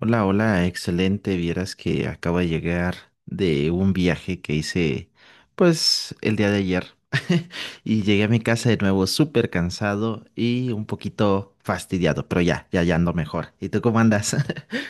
Hola, hola, excelente. Vieras que acabo de llegar de un viaje que hice, pues, el día de ayer. Y llegué a mi casa de nuevo súper cansado y un poquito fastidiado, pero ya, ya, ya ando mejor. ¿Y tú cómo andas?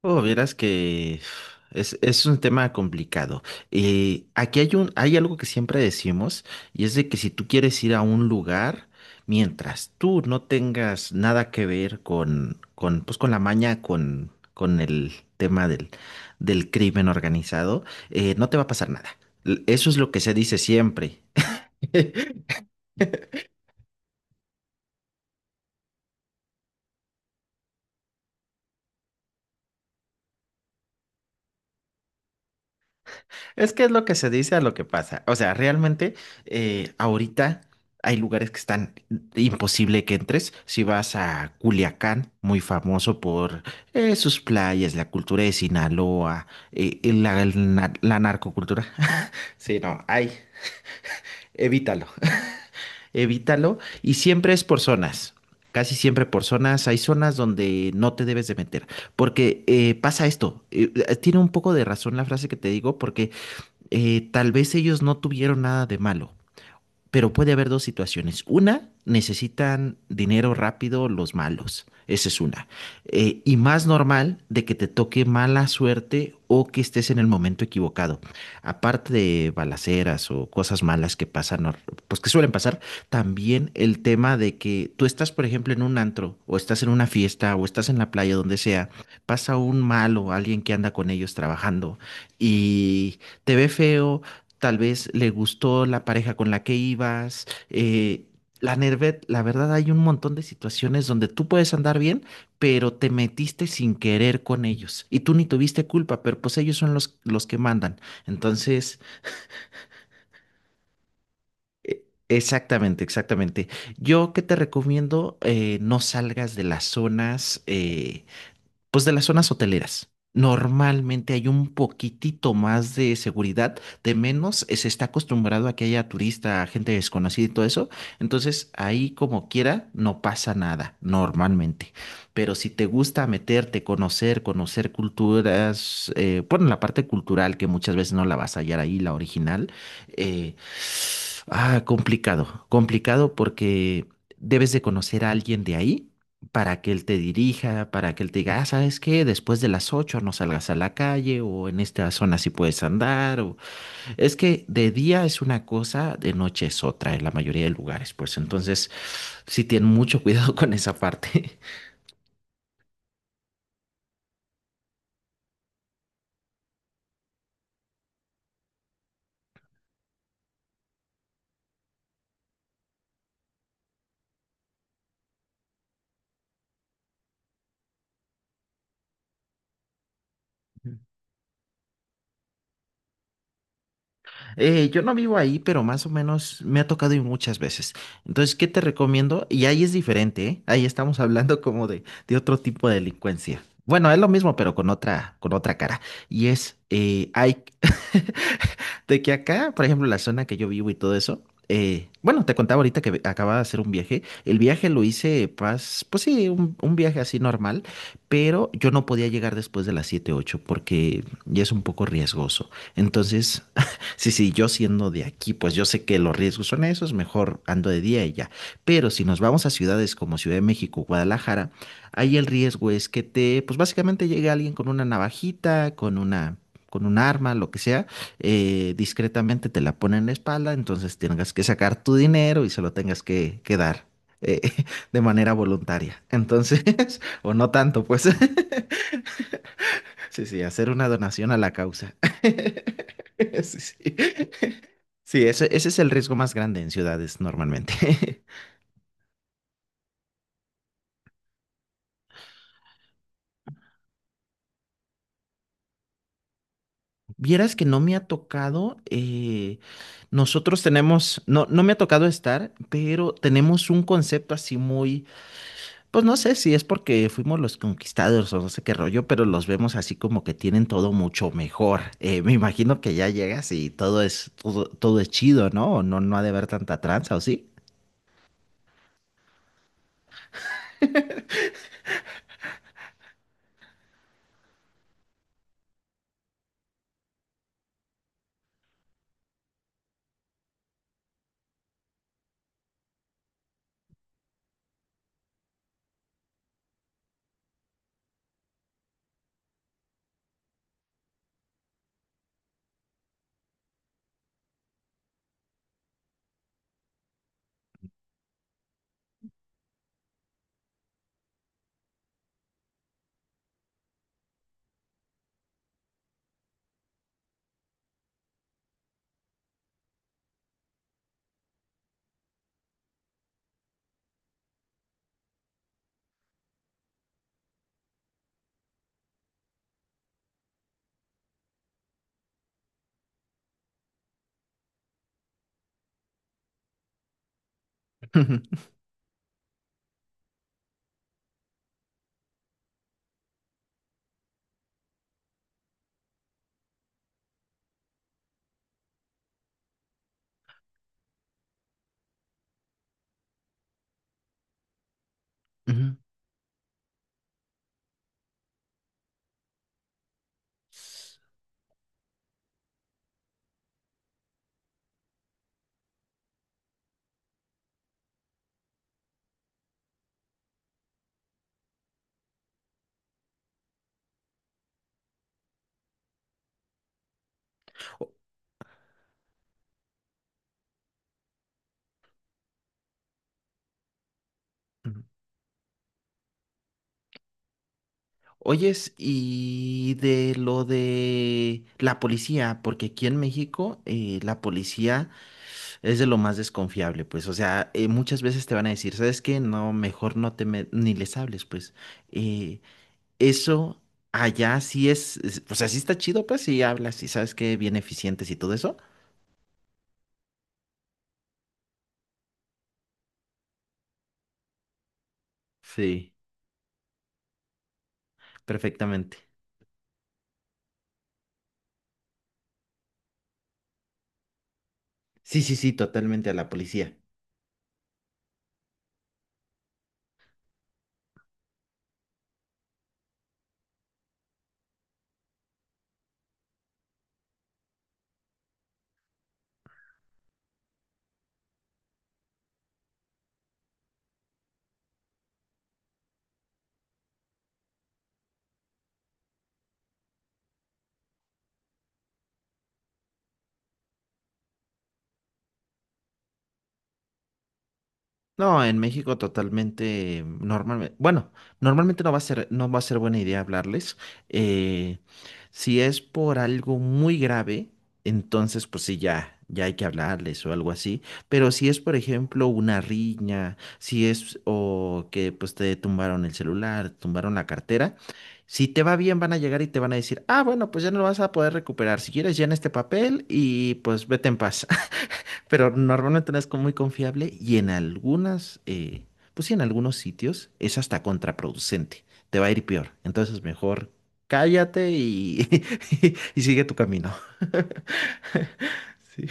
Oh, vieras que es un tema complicado. Aquí hay algo que siempre decimos, y es de que si tú quieres ir a un lugar, mientras tú no tengas nada que ver pues, con la maña, con el tema del crimen organizado, no te va a pasar nada. Eso es lo que se dice siempre. Es que es lo que se dice a lo que pasa. O sea, realmente ahorita hay lugares que están imposible que entres. Si vas a Culiacán, muy famoso por sus playas, la cultura de Sinaloa, y la narcocultura. Sí, no, hay, evítalo, evítalo. Y siempre es por zonas. Casi siempre por zonas, hay zonas donde no te debes de meter, porque pasa esto, tiene un poco de razón la frase que te digo, porque tal vez ellos no tuvieron nada de malo, pero puede haber dos situaciones. Una, necesitan dinero rápido los malos. Esa es una. Y más normal de que te toque mala suerte o que estés en el momento equivocado. Aparte de balaceras o cosas malas que pasan, pues que suelen pasar, también el tema de que tú estás, por ejemplo, en un antro o estás en una fiesta o estás en la playa, donde sea, pasa un malo, alguien que anda con ellos trabajando y te ve feo. Tal vez le gustó la pareja con la que ibas. La verdad hay un montón de situaciones donde tú puedes andar bien, pero te metiste sin querer con ellos y tú ni tuviste culpa, pero pues ellos son los que mandan. Entonces, exactamente, exactamente. Yo que te recomiendo, no salgas de las zonas. Pues de las zonas hoteleras. Normalmente hay un poquitito más de seguridad, de menos se está acostumbrado a que haya turista, gente desconocida y todo eso. Entonces ahí como quiera no pasa nada, normalmente. Pero si te gusta meterte, conocer culturas, bueno, la parte cultural que muchas veces no la vas a hallar ahí, la original, eh, complicado, complicado porque debes de conocer a alguien de ahí para que él te dirija, para que él te diga, ah, ¿sabes qué? Después de las 8 no salgas a la calle o en esta zona sí puedes andar. O... Es que de día es una cosa, de noche es otra en la mayoría de lugares, pues entonces sí tienen mucho cuidado con esa parte. Yo no vivo ahí, pero más o menos me ha tocado ir muchas veces. Entonces, ¿qué te recomiendo? Y ahí es diferente, ¿eh? Ahí estamos hablando como de otro tipo de delincuencia. Bueno, es lo mismo, pero con otra cara. Y es, hay, de que acá, por ejemplo, la zona que yo vivo y todo eso, bueno, te contaba ahorita que acababa de hacer un viaje. El viaje lo hice, pues, sí, un viaje así normal, pero yo no podía llegar después de las 7 8 porque ya es un poco riesgoso. Entonces, sí, sí, yo siendo de aquí, pues yo sé que los riesgos son esos, mejor ando de día y ya. Pero si nos vamos a ciudades como Ciudad de México, Guadalajara, ahí el riesgo es que te, pues básicamente llegue alguien con una navajita, con un arma, lo que sea, discretamente te la pone en la espalda, entonces tengas que sacar tu dinero y se lo tengas que dar. eh, de manera voluntaria. Entonces, o no tanto, pues. Sí, sí, hacer una donación a la causa. Sí, sí. Sí, ese es el riesgo más grande en ciudades normalmente. Vieras que no me ha tocado, nosotros tenemos, no, no me ha tocado estar, pero tenemos un concepto así muy, pues no sé si es porque fuimos los conquistadores o no sé qué rollo, pero los vemos así como que tienen todo mucho mejor. Me imagino que ya llegas y todo es, todo, todo es chido, ¿no? O no, no ha de haber tanta tranza, ¿o sí? Ujú. Ujú. Oyes, y de lo de la policía, porque aquí en México la policía es de lo más desconfiable, pues, o sea, muchas veces te van a decir, ¿sabes qué? No, mejor ni les hables, pues, eh, eso allá sí o sea, sí está chido, pues, si hablas y sabes que bien eficientes y todo eso. Sí, perfectamente. Sí, sí, sí, totalmente a la policía. No, en México totalmente normalmente, bueno, normalmente no va a ser buena idea hablarles. Eh, si es por algo muy grave, entonces pues sí ya, ya hay que hablarles o algo así. Pero si es, por ejemplo, una riña, si es o que pues te tumbaron el celular, tumbaron la cartera, si te va bien van a llegar y te van a decir, ah, bueno, pues ya no lo vas a poder recuperar. Si quieres, llena este papel y pues vete en paz, pero normalmente no es como muy confiable y en algunas, pues sí, en algunos sitios es hasta contraproducente, te va a ir peor. Entonces mejor cállate y, y sigue tu camino. Sí.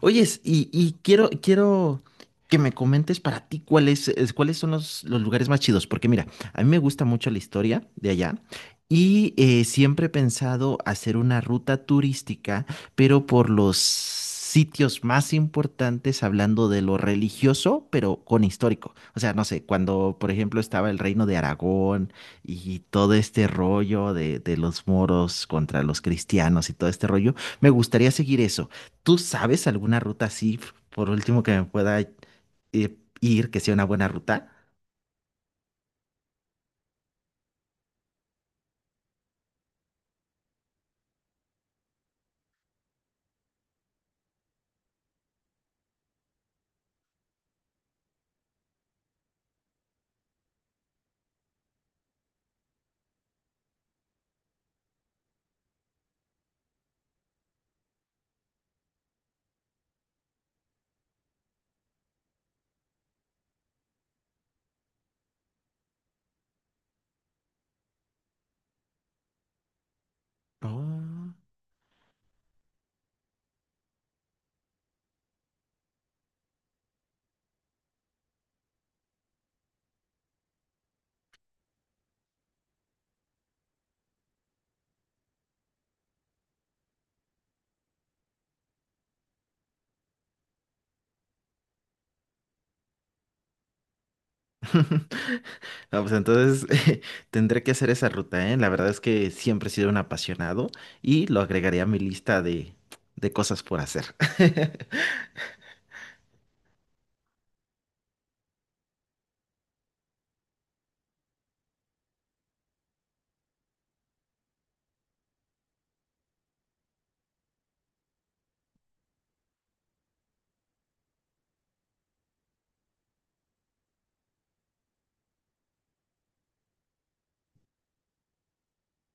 Oyes, y quiero que me comentes para ti cuáles son los lugares más chidos, porque mira, a mí me gusta mucho la historia de allá y siempre he pensado hacer una ruta turística, pero por los sitios más importantes, hablando de lo religioso, pero con histórico. O sea, no sé, cuando, por ejemplo, estaba el reino de Aragón y todo este rollo de los moros contra los cristianos y todo este rollo, me gustaría seguir eso. ¿Tú sabes alguna ruta así, por último, que me pueda ir, que sea una buena ruta? Oh. No, pues entonces tendré que hacer esa ruta, ¿eh? La verdad es que siempre he sido un apasionado y lo agregaría a mi lista de cosas por hacer.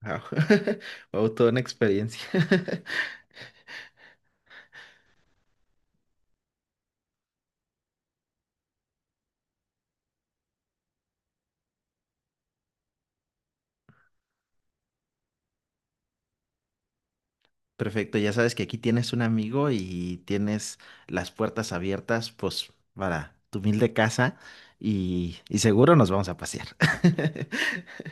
Wow. Wow, toda una experiencia. Perfecto, ya sabes que aquí tienes un amigo y tienes las puertas abiertas, pues, para tu humilde casa y seguro nos vamos a pasear.